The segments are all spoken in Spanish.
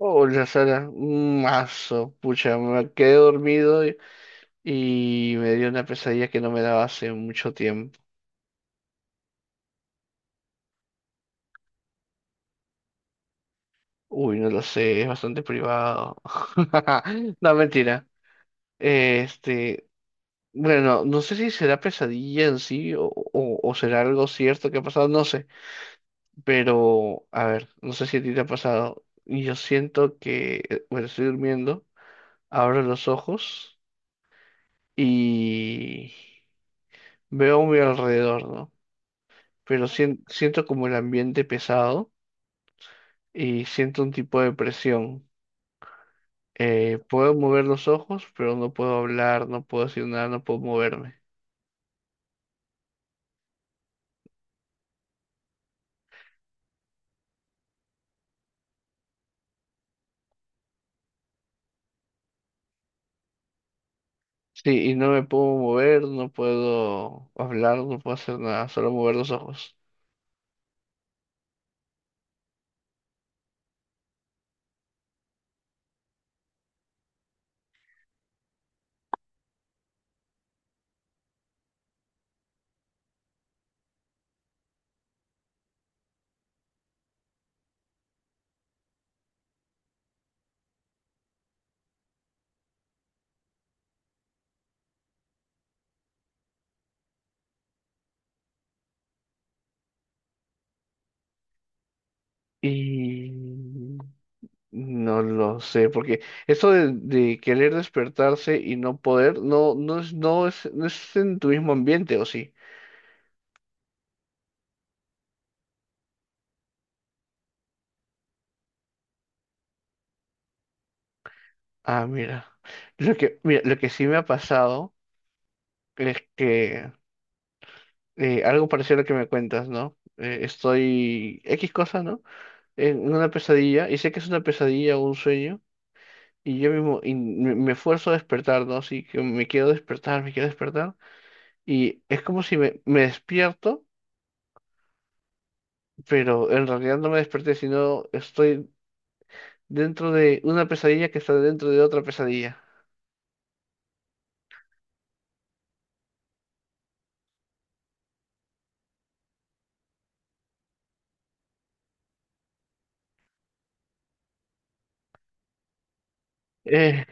Hola Sara, un mazo, pucha, me quedé dormido y me dio una pesadilla que no me daba hace mucho tiempo. Uy, no lo sé, es bastante privado. No, mentira. Este, bueno, no sé si será pesadilla en sí o será algo cierto que ha pasado, no sé. Pero, a ver, no sé si a ti te ha pasado. Yo siento que, bueno, estoy durmiendo, abro los ojos y veo a mi alrededor, ¿no? Pero siento como el ambiente pesado y siento un tipo de presión. Puedo mover los ojos, pero no puedo hablar, no puedo decir nada, no puedo moverme. Sí, y no me puedo mover, no puedo hablar, no puedo hacer nada, solo mover los ojos. Y no lo sé, porque eso de querer despertarse y no poder, no es en tu mismo ambiente, ¿o sí? Ah, mira. Mira, lo que sí me ha pasado es que algo parecido a lo que me cuentas, ¿no? Estoy X cosa, ¿no? En una pesadilla, y sé que es una pesadilla o un sueño, y yo mismo y me esfuerzo a despertar, ¿no? Así que me quiero despertar, y es como si me despierto, pero en realidad no me desperté, sino estoy dentro de una pesadilla que está dentro de otra pesadilla. Eh,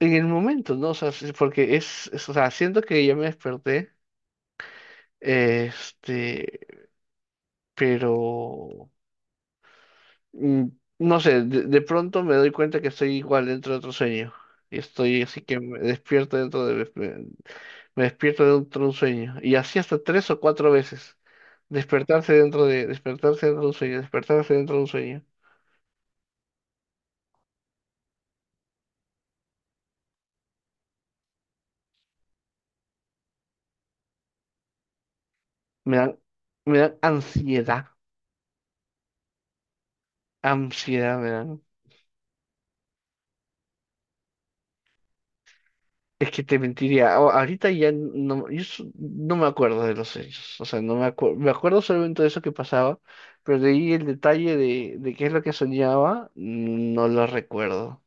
en el momento, ¿no? O sea, sí, porque o sea, siento que ya me desperté, este, pero... Mm, no sé, de pronto me doy cuenta que estoy igual dentro de otro sueño. Y estoy así que me despierto dentro de... Me despierto dentro de un sueño. Y así hasta tres o cuatro veces. Despertarse dentro de un sueño. Despertarse dentro de un sueño. Me dan, me dan ansiedad. Ansiedad me dan. Es que te mentiría. Ahorita ya no, no me acuerdo de los hechos. O sea, no me acuerdo. Me acuerdo solamente de eso que pasaba, pero de ahí el detalle de qué es lo que soñaba, no lo recuerdo.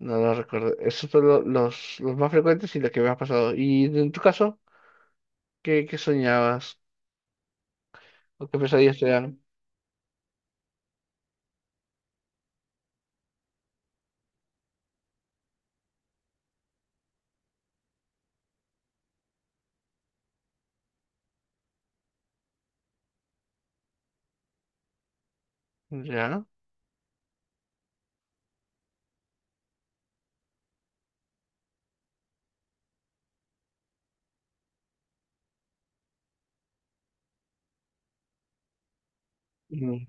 No lo recuerdo. Esos son los más frecuentes y los que me ha pasado. ¿Y en tu caso, qué soñabas? ¿O qué pesadillas te dan? ¿Ya? Mm.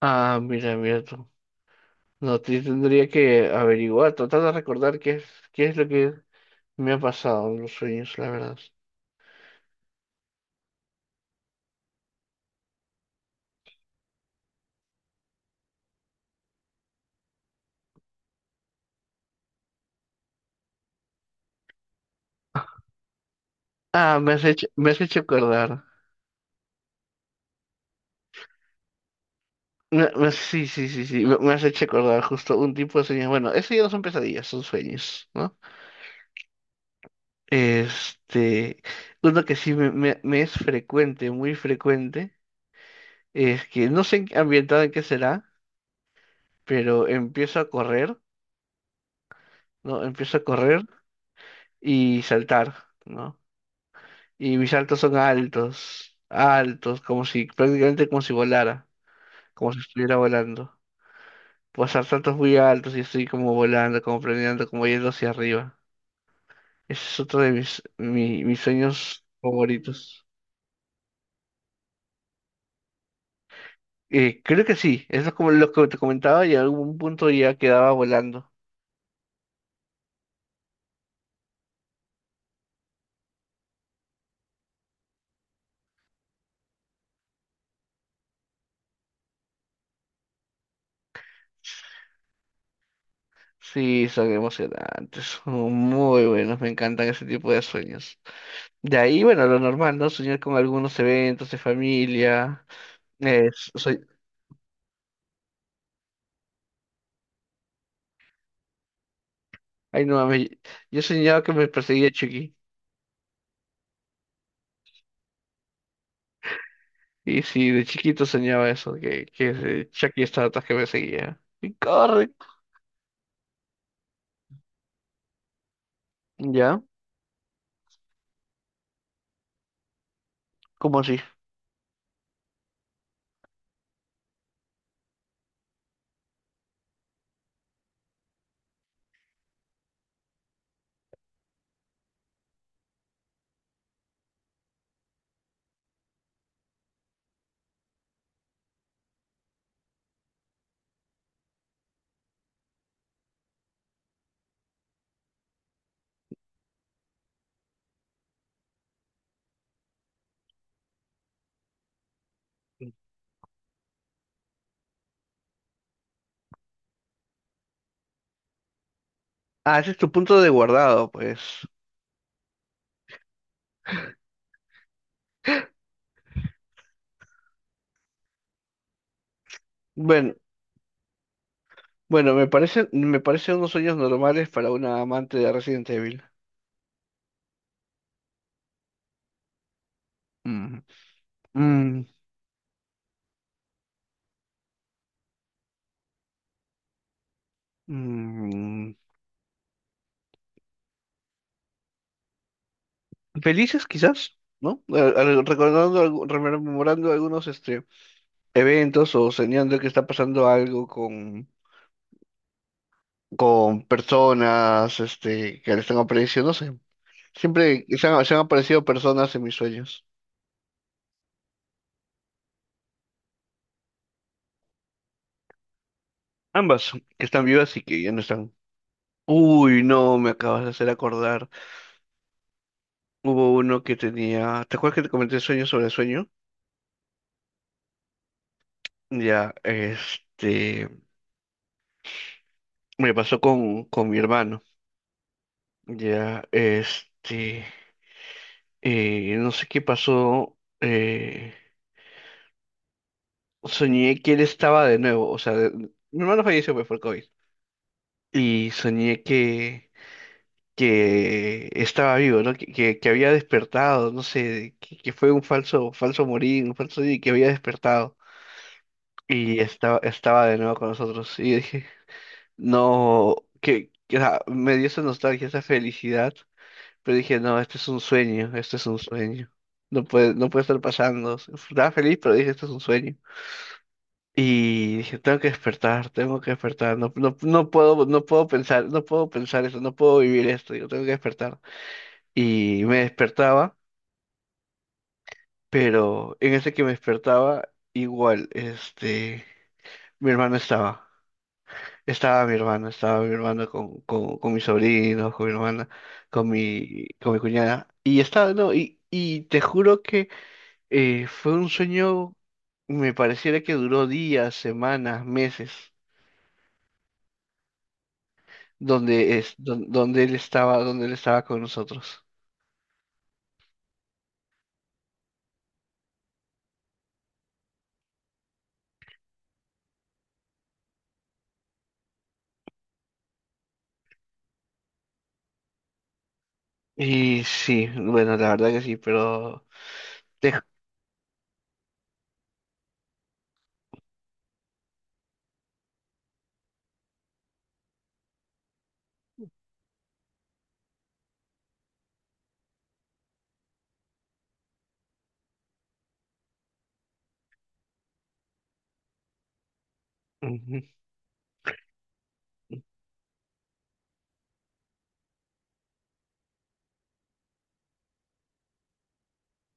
Ah, mira, mira tú. No, tendría que averiguar, tratar de recordar qué es lo que me ha pasado en los sueños, la verdad. Ah, me has hecho acordar. Sí, sí, sí, sí, me has hecho acordar justo un tipo de sueños. Bueno, eso ya no son pesadillas, son sueños, ¿no? Este, uno que sí me es frecuente, muy frecuente, es que no sé ambientado en qué será, pero empiezo a correr, ¿no? Empiezo a correr y saltar, ¿no? Y mis saltos son altos, altos, como si, prácticamente como si volara, como si estuviera volando. Pasar saltos muy altos y estoy como volando, como planeando, como yendo hacia arriba. Ese es otro de mis sueños favoritos. Creo que sí, eso es como lo que te comentaba y en algún punto ya quedaba volando. Sí, son emocionantes, son muy buenos, me encantan ese tipo de sueños. De ahí, bueno, lo normal, ¿no? Soñar con algunos eventos de familia. Soy... Ay, no, mami, yo soñaba que me perseguía Chucky. Y sí, de chiquito soñaba eso, que Chucky estaba que me seguía. Y corre. ¿Ya? ¿Cómo así? Ah, ese es tu punto de guardado, pues. Bueno, bueno, me parecen unos sueños normales para una amante de Resident Evil. Mm. Mm, mm. Felices quizás, ¿no? Recordando, rememorando algunos eventos o soñando que está pasando algo con personas que le están apareciendo, no sé. Siempre se han aparecido personas en mis sueños. Ambas, que están vivas y que ya no están. Uy, no, me acabas de hacer acordar. Hubo uno que tenía. ¿Te acuerdas que te comenté sueño sobre sueño? Ya, este. Me pasó con mi hermano. Ya, este. Eh, no sé qué pasó. Eh, soñé que él estaba de nuevo. Mi hermano falleció, pues, por COVID. Y soñé que. Que estaba vivo, ¿no? Que había despertado, no sé, que fue un falso, falso morir, un falso y que había despertado. Y estaba, estaba de nuevo con nosotros. Y dije, no, o sea, me dio esa nostalgia, esa felicidad, pero dije, no, este es un sueño, este es un sueño. No puede, no puede estar pasando. Estaba feliz, pero dije, esto es un sueño. Y dije, tengo que despertar, no puedo, no puedo pensar, no puedo pensar eso, no puedo vivir esto, digo, tengo que despertar. Y me despertaba, pero en ese que me despertaba, igual, este, mi hermano estaba, estaba mi hermano con mis sobrinos, con mi hermana, con mi cuñada, y estaba, no, y te juro que fue un sueño, me pareciera que duró días, semanas, meses, donde él estaba con nosotros. Y sí, bueno, la verdad que sí, pero te- ujú,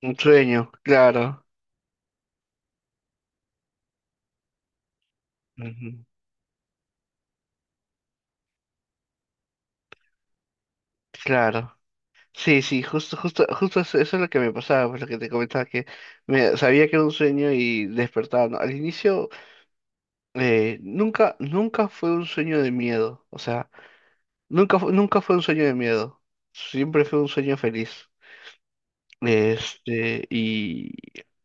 un sueño, claro. Ujú, claro. Sí, sí, justo, justo, justo eso es lo que me pasaba, pues lo que te comentaba, que sabía que era un sueño y despertaba, ¿no? Al inicio, nunca, nunca fue un sueño de miedo, o sea, nunca fue un sueño de miedo, siempre fue un sueño feliz. Este,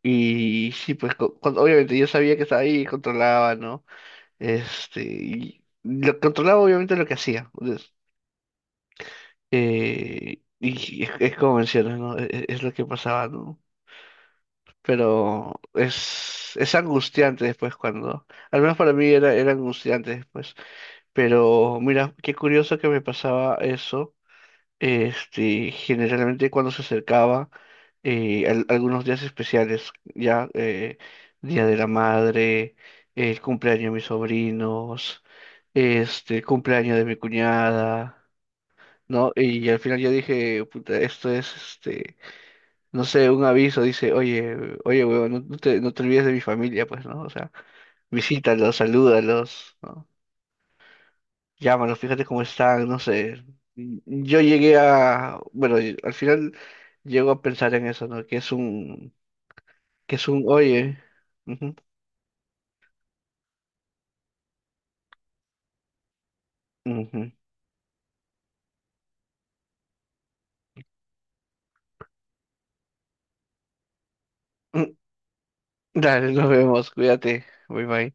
y sí, pues cuando, obviamente yo sabía que estaba ahí, controlaba, ¿no? Este, y lo controlaba obviamente lo que hacía, pues, y es como mencionas, ¿no? Es, lo que pasaba, ¿no? Pero es angustiante después cuando, al menos para mí era, era angustiante después. Pero mira, qué curioso que me pasaba eso. Este, generalmente cuando se acercaba algunos días especiales, ya Día de la Madre, el cumpleaños de mis sobrinos, este, el cumpleaños de mi cuñada. ¿No? Y al final yo dije, puta, esto es, este, no sé, un aviso, dice, oye, oye, huevón, no te, no te olvides de mi familia, pues, ¿no? O sea, visítalos, salúdalos, ¿no? Llámalos, fíjate cómo están, no sé. Yo llegué a, bueno, y al final llego a pensar en eso, ¿no? Que es un, oye, ujú, ujú. Mm, dale, nos vemos, cuídate, bye bye.